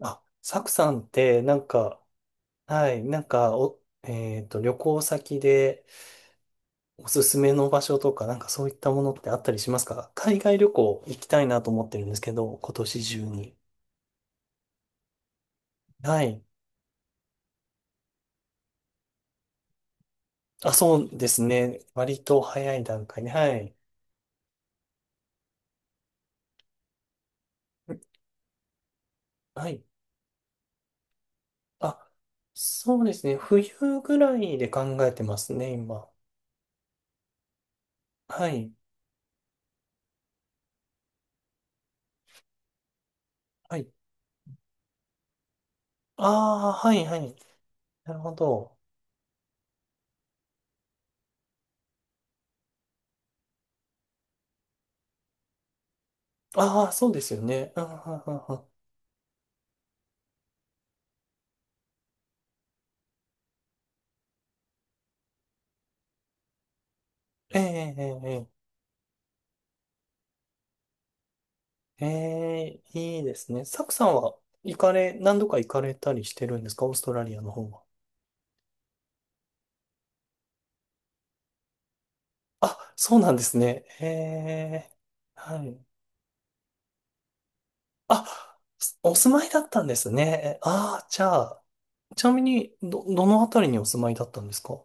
あ、サクさんって、はい、なんか、お、えっと、旅行先でおすすめの場所とか、なんかそういったものってあったりしますか？海外旅行行きたいなと思ってるんですけど、今年中に。はい。あ、そうですね。割と早い段階で、はい。はい。あ、そうですね。冬ぐらいで考えてますね、今。はい。はい。ああ、はい、はい。なるほど。ああ、そうですよね。うんうんうんうん。ええええええ。ええ、いいですね。サクさんは行かれ、何度か行かれたりしてるんですか？オーストラリアの方は。あ、そうなんですね。ええ、はい。あ、お住まいだったんですね。ああ、じゃあ、ちなみに、どのあたりにお住まいだったんですか？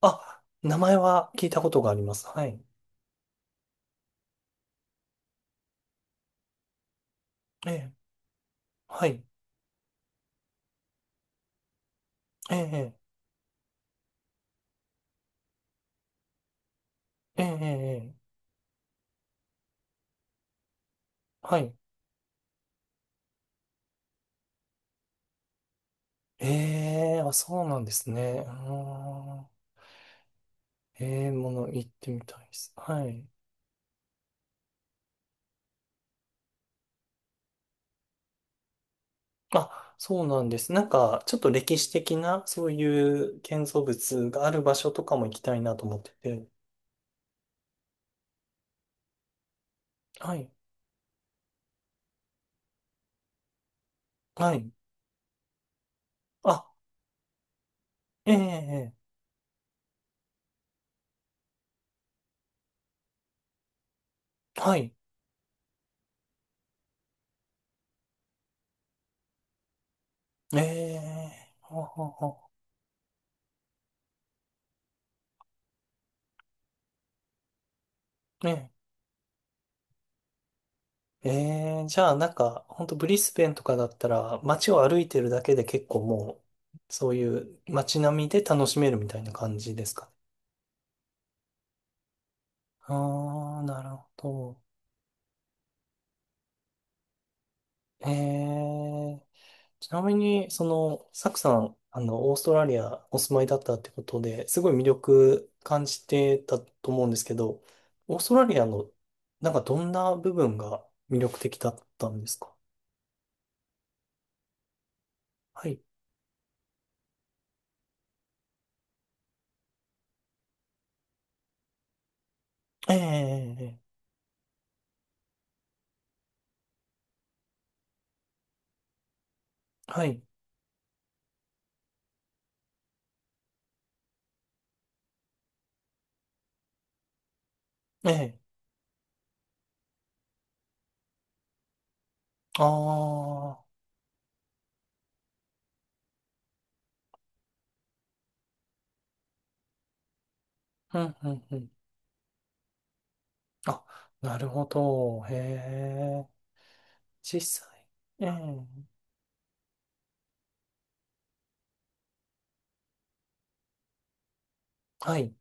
あ、名前は聞いたことがあります。はい。ええ、はい。ええ、ええ、ええ、ええ。はい。ええ、あ、そうなんですね。うーん。ええ、もの行ってみたいです。はい。あ、そうなんです。ちょっと歴史的な、そういう建造物がある場所とかも行きたいなと思ってて。はい。はい。あ、ええ、ええ。はい。ええ、ははは。ねえ。ええ。じゃあ、ほんとブリスベンとかだったら、街を歩いてるだけで結構もう、そういう街並みで楽しめるみたいな感じですかね。ああ、なるほど。ええ。ちなみに、その、サクさん、オーストラリアお住まいだったってことで、すごい魅力感じてたと思うんですけど、オーストラリアの、なんかどんな部分が魅力的だったんですか？はい。ええ、ええ、はい。ええ、ああ、うん、うん、うん。あ、なるほど。へえ、実際。ええ、はい。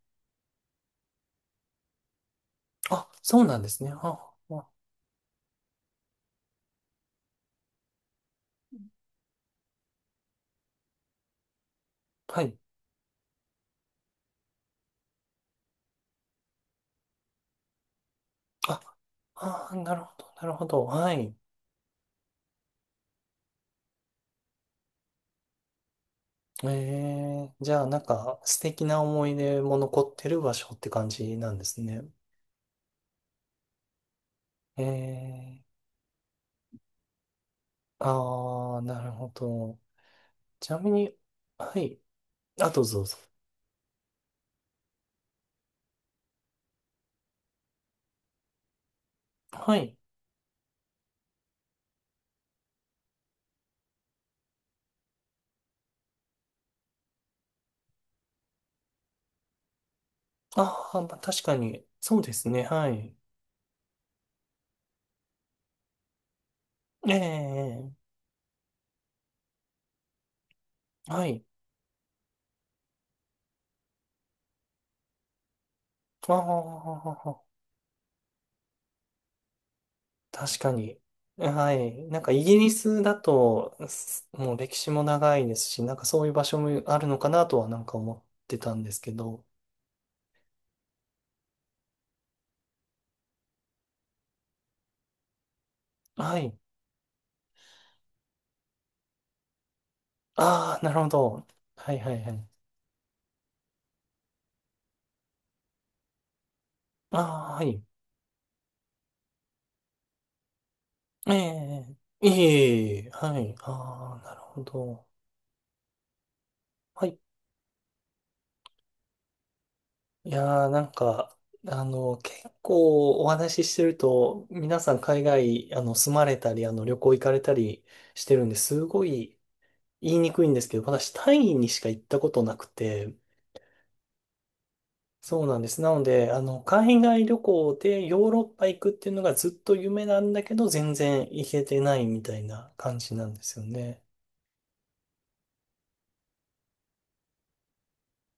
あ、そうなんですね。あ、あ。はい。あ、あー、なるほど、なるほど。はい。ええ。じゃあなんか素敵な思い出も残ってる場所って感じなんですね。ええ。ああ、ー、なるほど。ちなみに、はい。あとどうぞ。はい。ああ、まあ、確かに、そうですね。はい。ええ。はい。ああ、確かに。はい。なんかイギリスだと、すもう歴史も長いですし、なんかそういう場所もあるのかなとはなんか思ってたんですけど。はい。ああ、なるほど。はいはいはい。ああ、はい。ええ、いえいえ、はい。ああ、なるほど。はい。いやー、なんか、結構お話ししてると、皆さん海外、住まれたり、旅行行かれたりしてるんですごい言いにくいんですけど、私、タイにしか行ったことなくて、そうなんです。なので、海外旅行でヨーロッパ行くっていうのがずっと夢なんだけど、全然行けてないみたいな感じなんですよね。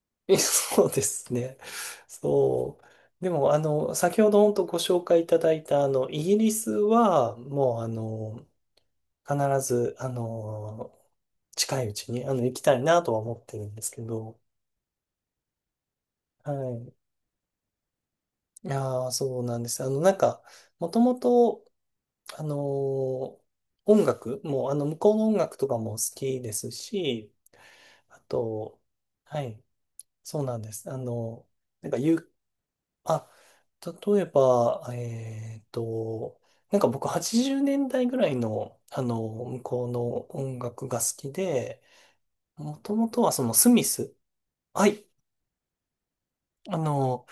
え、そうですね。そう。でも、先ほど本当ご紹介いただいた、イギリスは、もう、必ず、近いうちに、行きたいなとは思ってるんですけど、はい。いやー、そうなんです。もともと、あの、音楽も、向こうの音楽とかも好きですし、あと、はい、そうなんです。なんか、あ、例えば、僕80年代ぐらいの、向こうの音楽が好きで、もともとはそのスミス。はい。あの、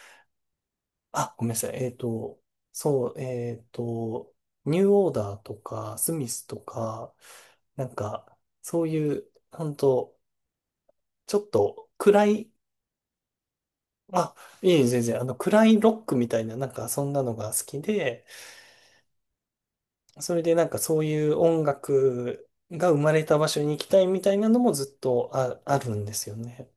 ごめんなさい。そう、えっと、ニューオーダーとか、スミスとか、そういう、本当ちょっと暗い、あ、いえいえ、全然、暗いロックみたいな、なんか、そんなのが好きで、それでなんかそういう音楽が生まれた場所に行きたいみたいなのもずっとあるんですよね。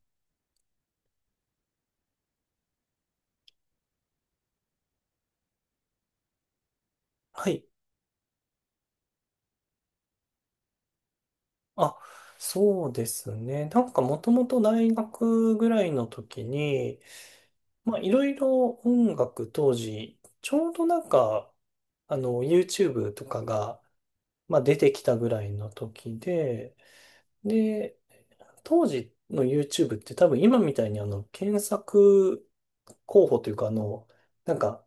はい。あ、そうですね。なんかもともと大学ぐらいの時に、まあいろいろ音楽当時、ちょうどなんか、YouTube とかが、まあ、出てきたぐらいの時で、で、当時の YouTube って多分今みたいに検索候補というかなんか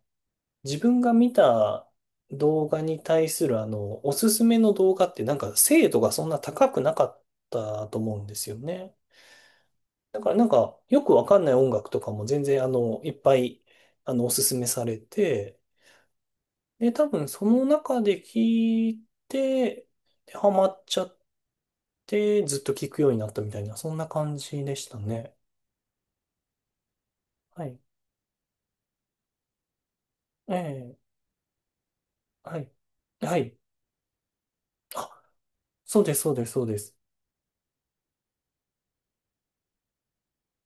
自分が見た動画に対するおすすめの動画ってなんか精度がそんな高くなかったと思うんですよね。だからなんかよくわかんない音楽とかも全然いっぱいおすすめされて、で、多分その中で聞いて、で、ハマっちゃってずっと聞くようになったみたいな、そんな感じでしたね。はい。ええ、はい。はい。あ、そうです、そうです、そうです。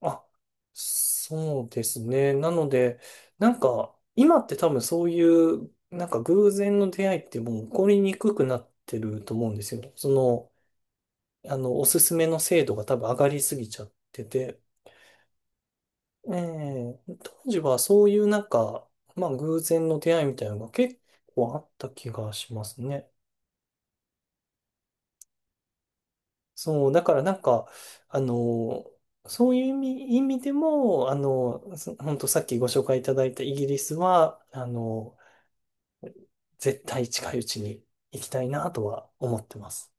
あ、そうですね。なので、なんか、今って多分そういう、なんか偶然の出会いってもう起こりにくくなってると思うんですよ。その、おすすめの精度が多分上がりすぎちゃってて。ええ当時はそういうなんか、まあ偶然の出会いみたいなのが結構あった気がしますね。そう、だからなんか、あの、そういう意味、意味でも、本当さっきご紹介いただいたイギリスは、絶対近いうちに行きたいなとは思ってます。